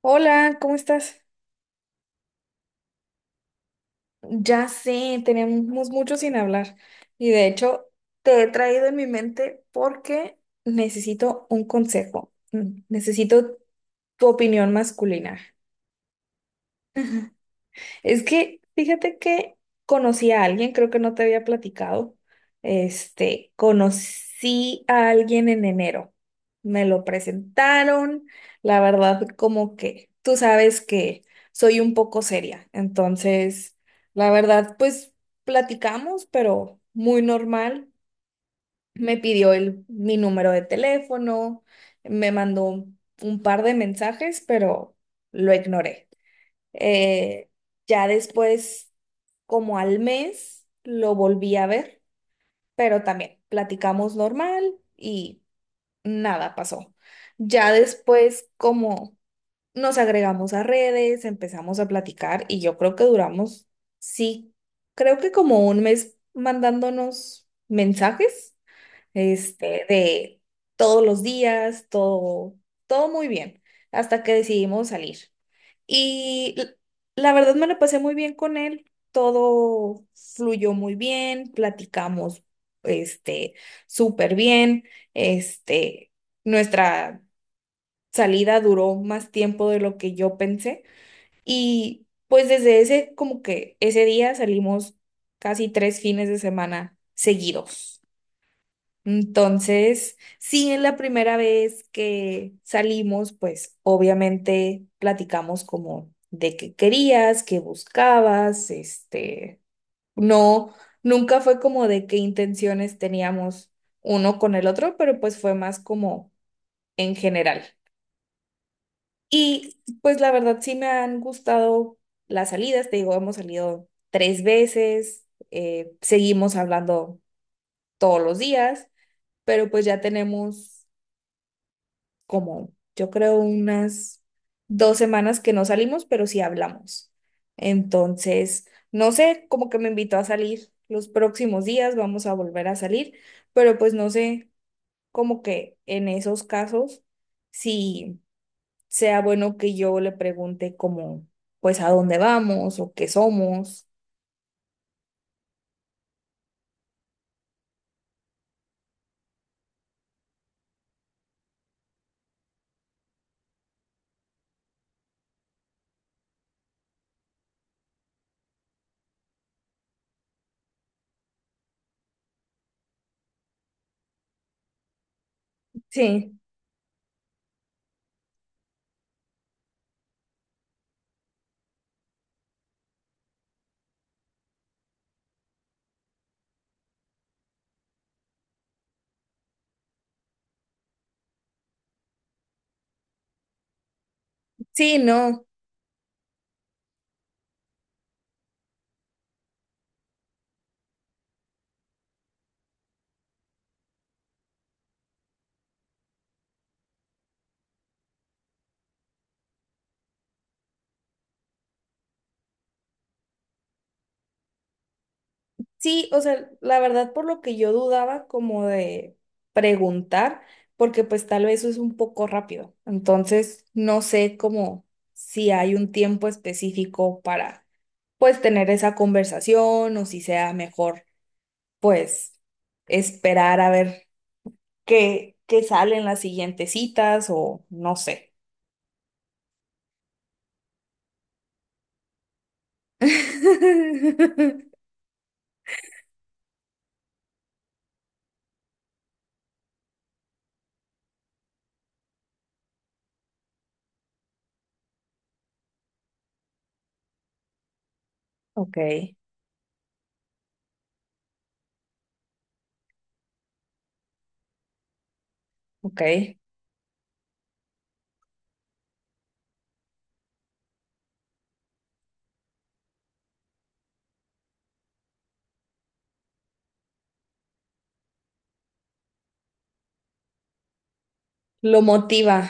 Hola, ¿cómo estás? Ya sé, tenemos mucho sin hablar y de hecho te he traído en mi mente porque necesito un consejo. Necesito tu opinión masculina. Es que fíjate que conocí a alguien, creo que no te había platicado. Este, conocí a alguien en enero. Me lo presentaron. La verdad, como que tú sabes que soy un poco seria. Entonces, la verdad, pues platicamos, pero muy normal. Me pidió mi número de teléfono, me mandó un par de mensajes, pero lo ignoré. Eh, ya después, como al mes, lo volví a ver, pero también platicamos normal y nada pasó. Ya después, como nos agregamos a redes, empezamos a platicar y yo creo que duramos, sí, creo que como un mes mandándonos mensajes, este, de todos los días, todo, todo muy bien, hasta que decidimos salir. Y l- la verdad me la pasé muy bien con él, todo fluyó muy bien, platicamos este súper bien, este nuestra salida duró más tiempo de lo que yo pensé y pues desde ese como que ese día salimos casi 3 fines de semana seguidos. Entonces, sí, en la primera vez que salimos, pues obviamente platicamos como de qué querías, qué buscabas, este, no, nunca fue como de qué intenciones teníamos uno con el otro, pero pues fue más como en general. Y pues la verdad sí me han gustado las salidas, te digo, hemos salido tres veces, seguimos hablando todos los días, pero pues ya tenemos como yo creo unas 2 semanas que no salimos, pero sí hablamos. Entonces, no sé, como que me invitó a salir los próximos días, vamos a volver a salir, pero pues no sé, como que en esos casos, si sea bueno que yo le pregunte como, pues a dónde vamos o qué somos. Sí, sí, no. Sí, o sea, la verdad por lo que yo dudaba como de preguntar, porque pues tal vez eso es un poco rápido. Entonces, no sé como si hay un tiempo específico para pues tener esa conversación o si sea mejor pues esperar a ver qué salen las siguientes citas o no sé. Ok, ok. Lo motiva.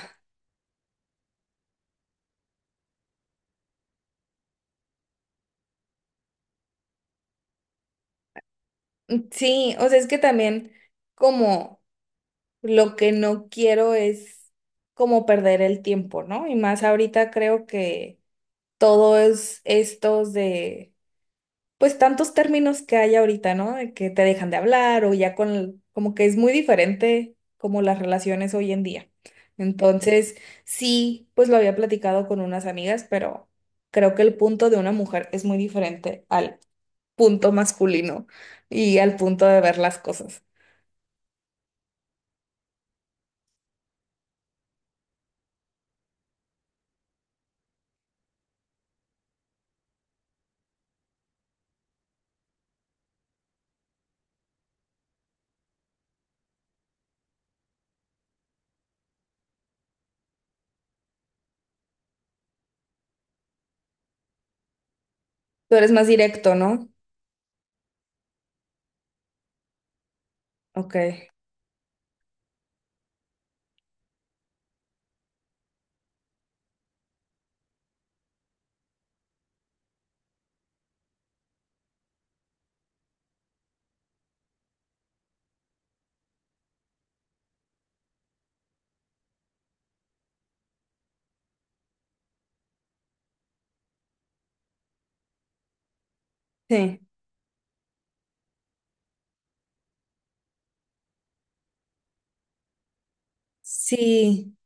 Sí, o sea, es que también como, lo que no quiero es como perder el tiempo, ¿no? Y más ahorita creo que todos estos de, pues tantos términos que hay ahorita, ¿no? De que te dejan de hablar o ya como que es muy diferente como las relaciones hoy en día. Entonces, sí, pues lo había platicado con unas amigas, pero creo que el punto de una mujer es muy diferente al punto masculino y al punto de ver las cosas. Tú eres más directo, ¿no? Ok. Sí. Sí,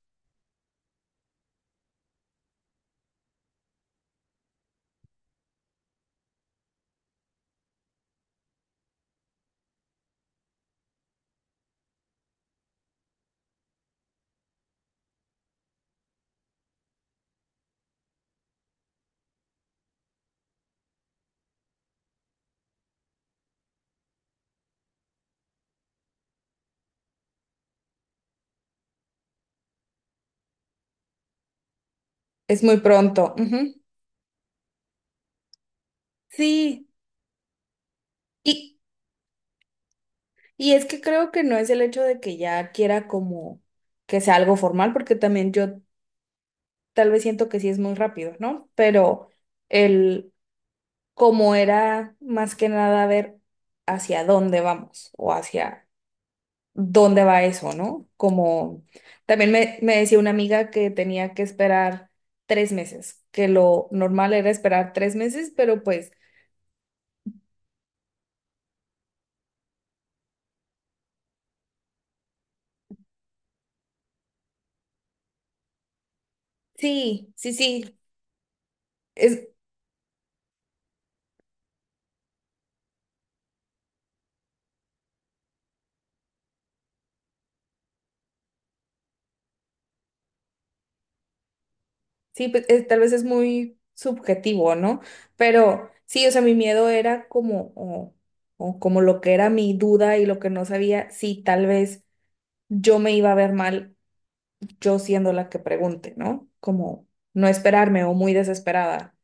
es muy pronto. Ujú. Sí, y, y es que creo que no es el hecho de que ya quiera como que sea algo formal, porque también yo tal vez siento que sí es muy rápido, ¿no? Pero el como era más que nada ver hacia dónde vamos o hacia dónde va eso, ¿no? Como también me decía una amiga que tenía que esperar 3 meses, que lo normal era esperar 3 meses, pero pues sí, sí, sí. Es, Sí, pues, tal vez es muy subjetivo, ¿no? Pero sí, o sea, mi miedo era como, o como lo que era mi duda y lo que no sabía, si tal vez yo me iba a ver mal, yo siendo la que pregunte, ¿no? Como no esperarme o muy desesperada.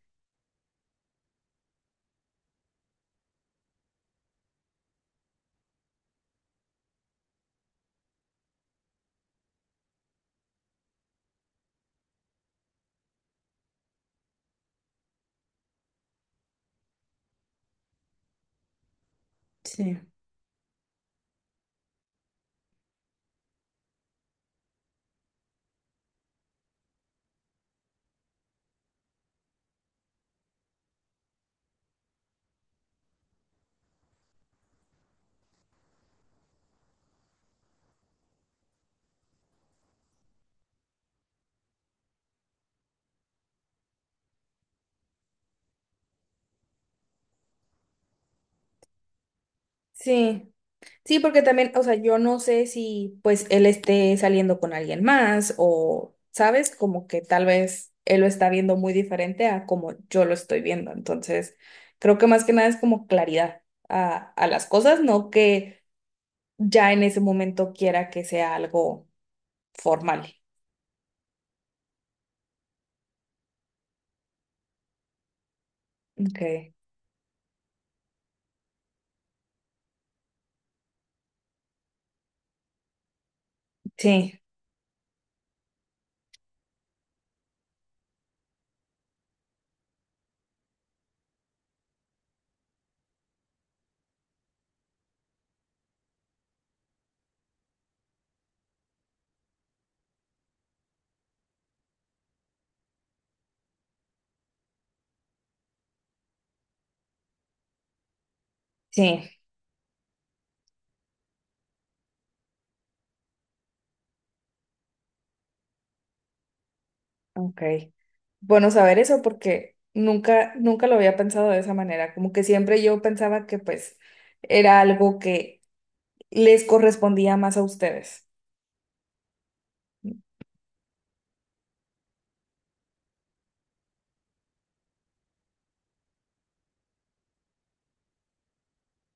Sí. Sí. Sí, porque también, o sea, yo no sé si pues él esté saliendo con alguien más o, ¿sabes? Como que tal vez él lo está viendo muy diferente a como yo lo estoy viendo. Entonces, creo que más que nada es como claridad a las cosas, no que ya en ese momento quiera que sea algo formal. Ok. Sí, sí. Ok. Bueno, saber eso porque nunca, nunca lo había pensado de esa manera. Como que siempre yo pensaba que pues era algo que les correspondía más a ustedes.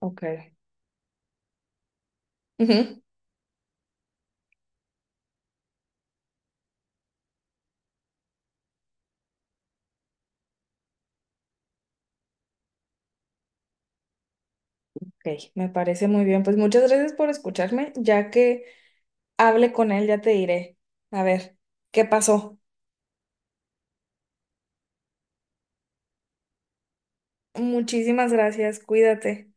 Ok. Ujú. Ok, me parece muy bien. Pues muchas gracias por escucharme. Ya que hable con él, ya te diré. A ver, ¿qué pasó? Muchísimas gracias. Cuídate.